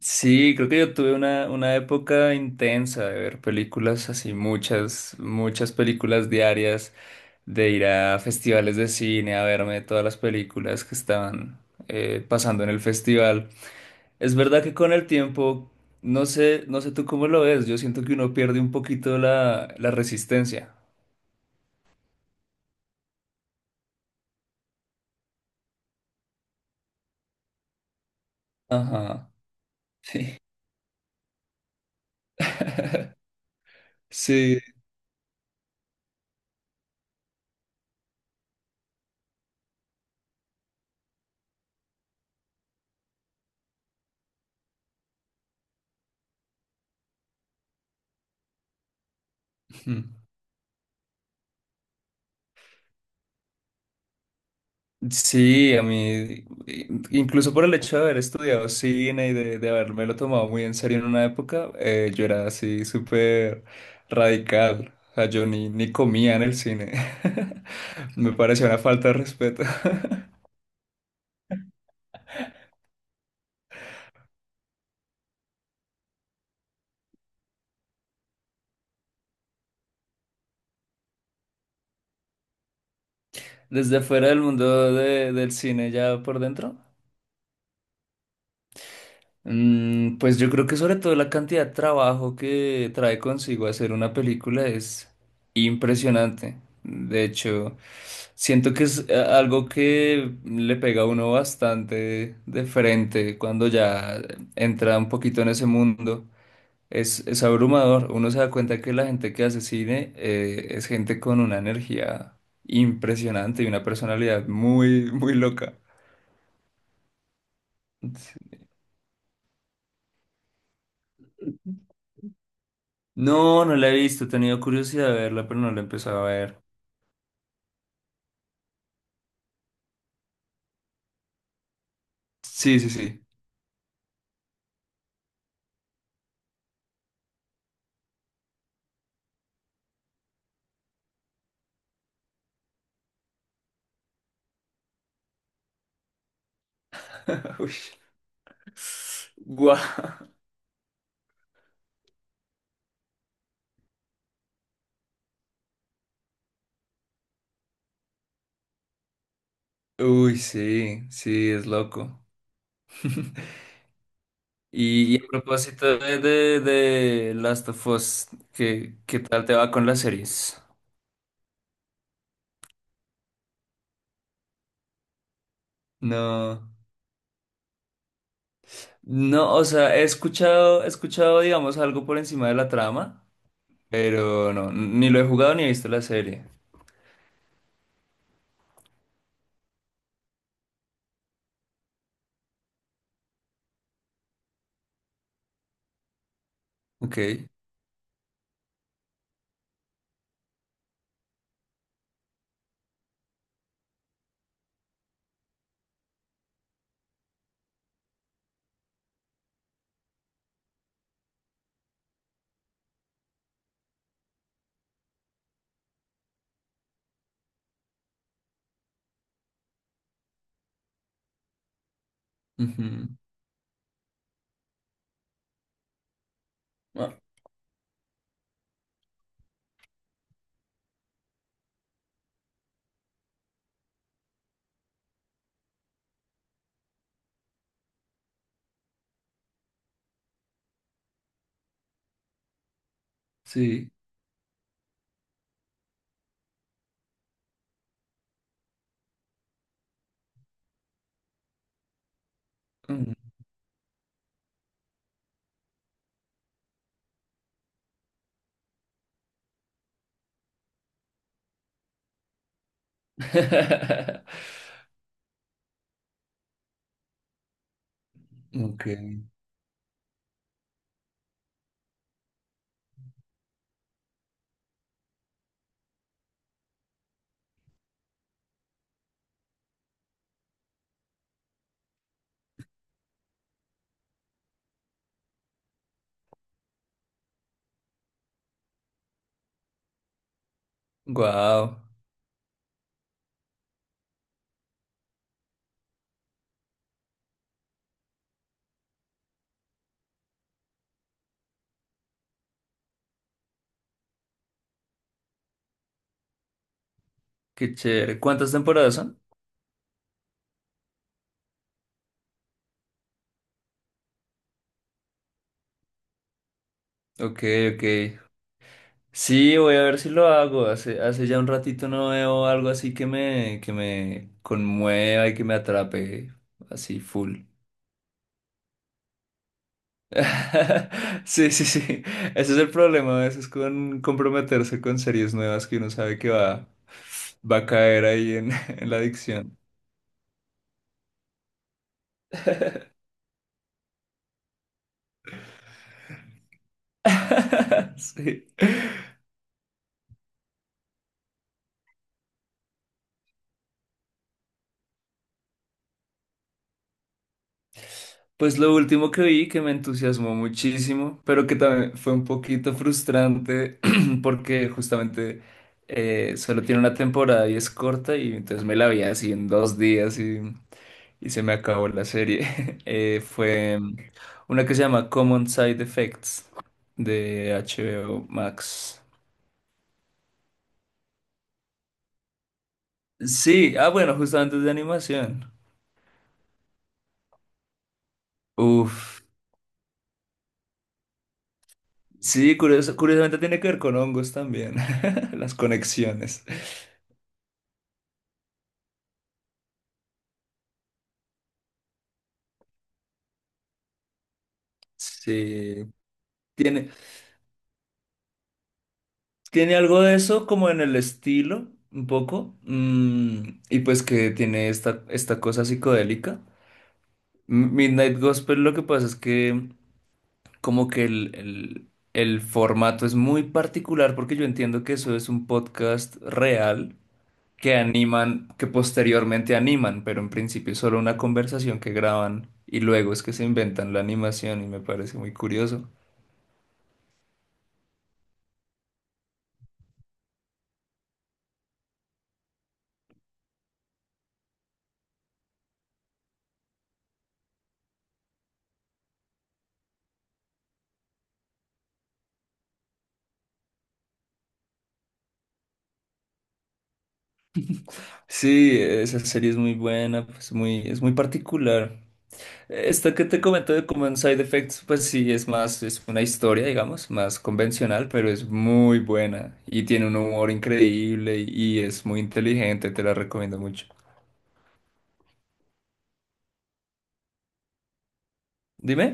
Sí, creo que yo tuve una época intensa de ver películas así, muchas películas diarias, de ir a festivales de cine, a verme todas las películas que estaban pasando en el festival. Es verdad que con el tiempo, no sé, no sé tú cómo lo ves, yo siento que uno pierde un poquito la resistencia. Ajá, sí. Sí. Sí, a mí, incluso por el hecho de haber estudiado cine y de habérmelo tomado muy en serio en una época, yo era así súper radical. O sea, yo ni comía en el cine. Me parecía una falta de respeto. Desde fuera del del cine, ya por dentro. Mm, pues yo creo que sobre todo la cantidad de trabajo que trae consigo hacer una película es impresionante. De hecho, siento que es algo que le pega a uno bastante de frente cuando ya entra un poquito en ese mundo. Es abrumador. Uno se da cuenta que la gente que hace cine es gente con una energía impresionante y una personalidad muy, muy loca. No, no la he visto, he tenido curiosidad de verla, pero no la he empezado a ver. Sí, sí, sí. Uy. Guau. Uy, sí, sí, es loco. Y, y a propósito de Last of Us, ¿qué, qué tal te va con las series? No, no, o sea, he escuchado, digamos, algo por encima de la trama, pero no, ni lo he jugado ni he visto la serie. Ok. Ujú. Ah, sí. Ujú. Ok. Wow, qué chévere. ¿Cuántas temporadas son? Ok, ok. Sí, voy a ver si lo hago. Hace, hace ya un ratito no veo algo así que me conmueva y que me atrape así full. Sí, sí, sí. Ese es el problema a veces con comprometerse con series nuevas que uno sabe que va, va a caer ahí en, en la adicción. Sí. Pues lo último que vi que me entusiasmó muchísimo, pero que también fue un poquito frustrante porque justamente solo tiene una temporada y es corta y entonces me la vi así en dos días y se me acabó la serie. Fue una que se llama Common Side Effects de HBO Max. Sí, ah bueno, justamente es de animación. Uf, sí, curiosamente tiene que ver con hongos también, las conexiones. Sí. Tiene, tiene algo de eso como en el estilo, un poco, mm, y pues que tiene esta, esta cosa psicodélica. Midnight Gospel lo que pasa es que como que el formato es muy particular porque yo entiendo que eso es un podcast real que animan, que posteriormente animan, pero en principio es solo una conversación que graban y luego es que se inventan la animación y me parece muy curioso. Sí, esa serie es muy buena, pues muy, es muy particular. Esto que te comento de Common Side Effects, pues sí, es más, es una historia, digamos, más convencional, pero es muy buena y tiene un humor increíble y es muy inteligente, te la recomiendo mucho. Dime.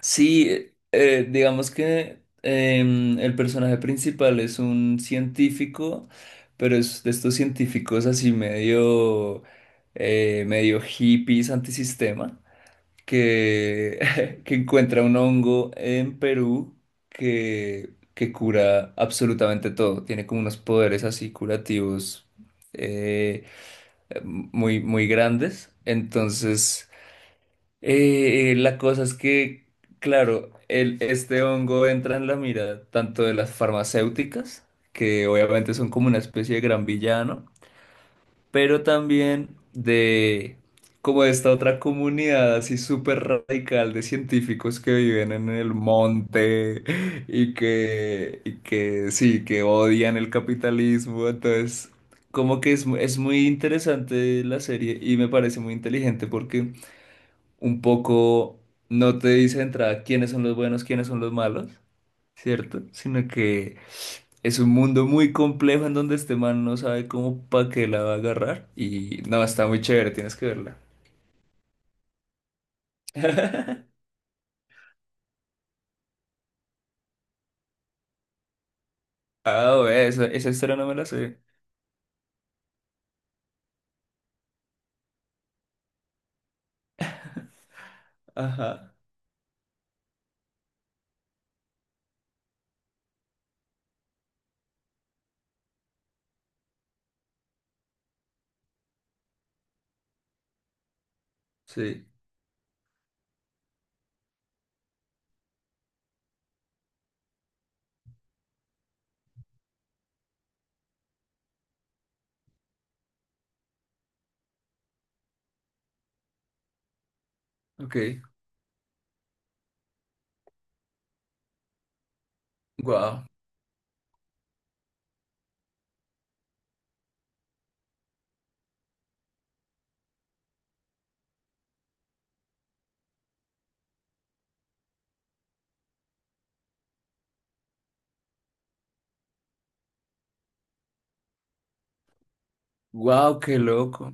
Sí, digamos que el personaje principal es un científico, pero es de estos científicos así medio, medio hippies antisistema. Que, que encuentra un hongo en Perú que cura absolutamente todo. Tiene como unos poderes así curativos eh, muy, muy grandes. Entonces, la cosa es que, claro, el, este hongo entra en la mira tanto de las farmacéuticas, que obviamente son como una especie de gran villano, pero también de como de esta otra comunidad así súper radical de científicos que viven en el monte y que sí, que odian el capitalismo, entonces como que es, es muy interesante la serie y me parece muy inteligente porque un poco no te dice de entrada quiénes son los buenos, quiénes son los malos, ¿cierto? Sino que es un mundo muy complejo en donde este man no sabe cómo pa' qué la va a agarrar. Y no, está muy chévere, tienes que verla. Ah, ve, esa historia no me la sé. Ajá, sí, ok. Wow, wow, qué loco.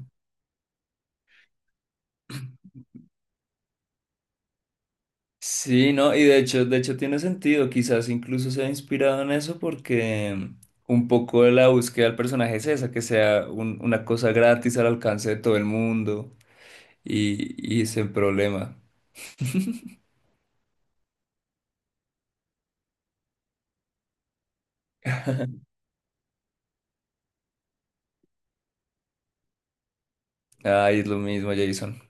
Sí, no, y de hecho tiene sentido, quizás incluso sea inspirado en eso porque un poco de la búsqueda del personaje es esa, que sea una cosa gratis al alcance de todo el mundo y sin problema. Ay, es lo mismo, Jason.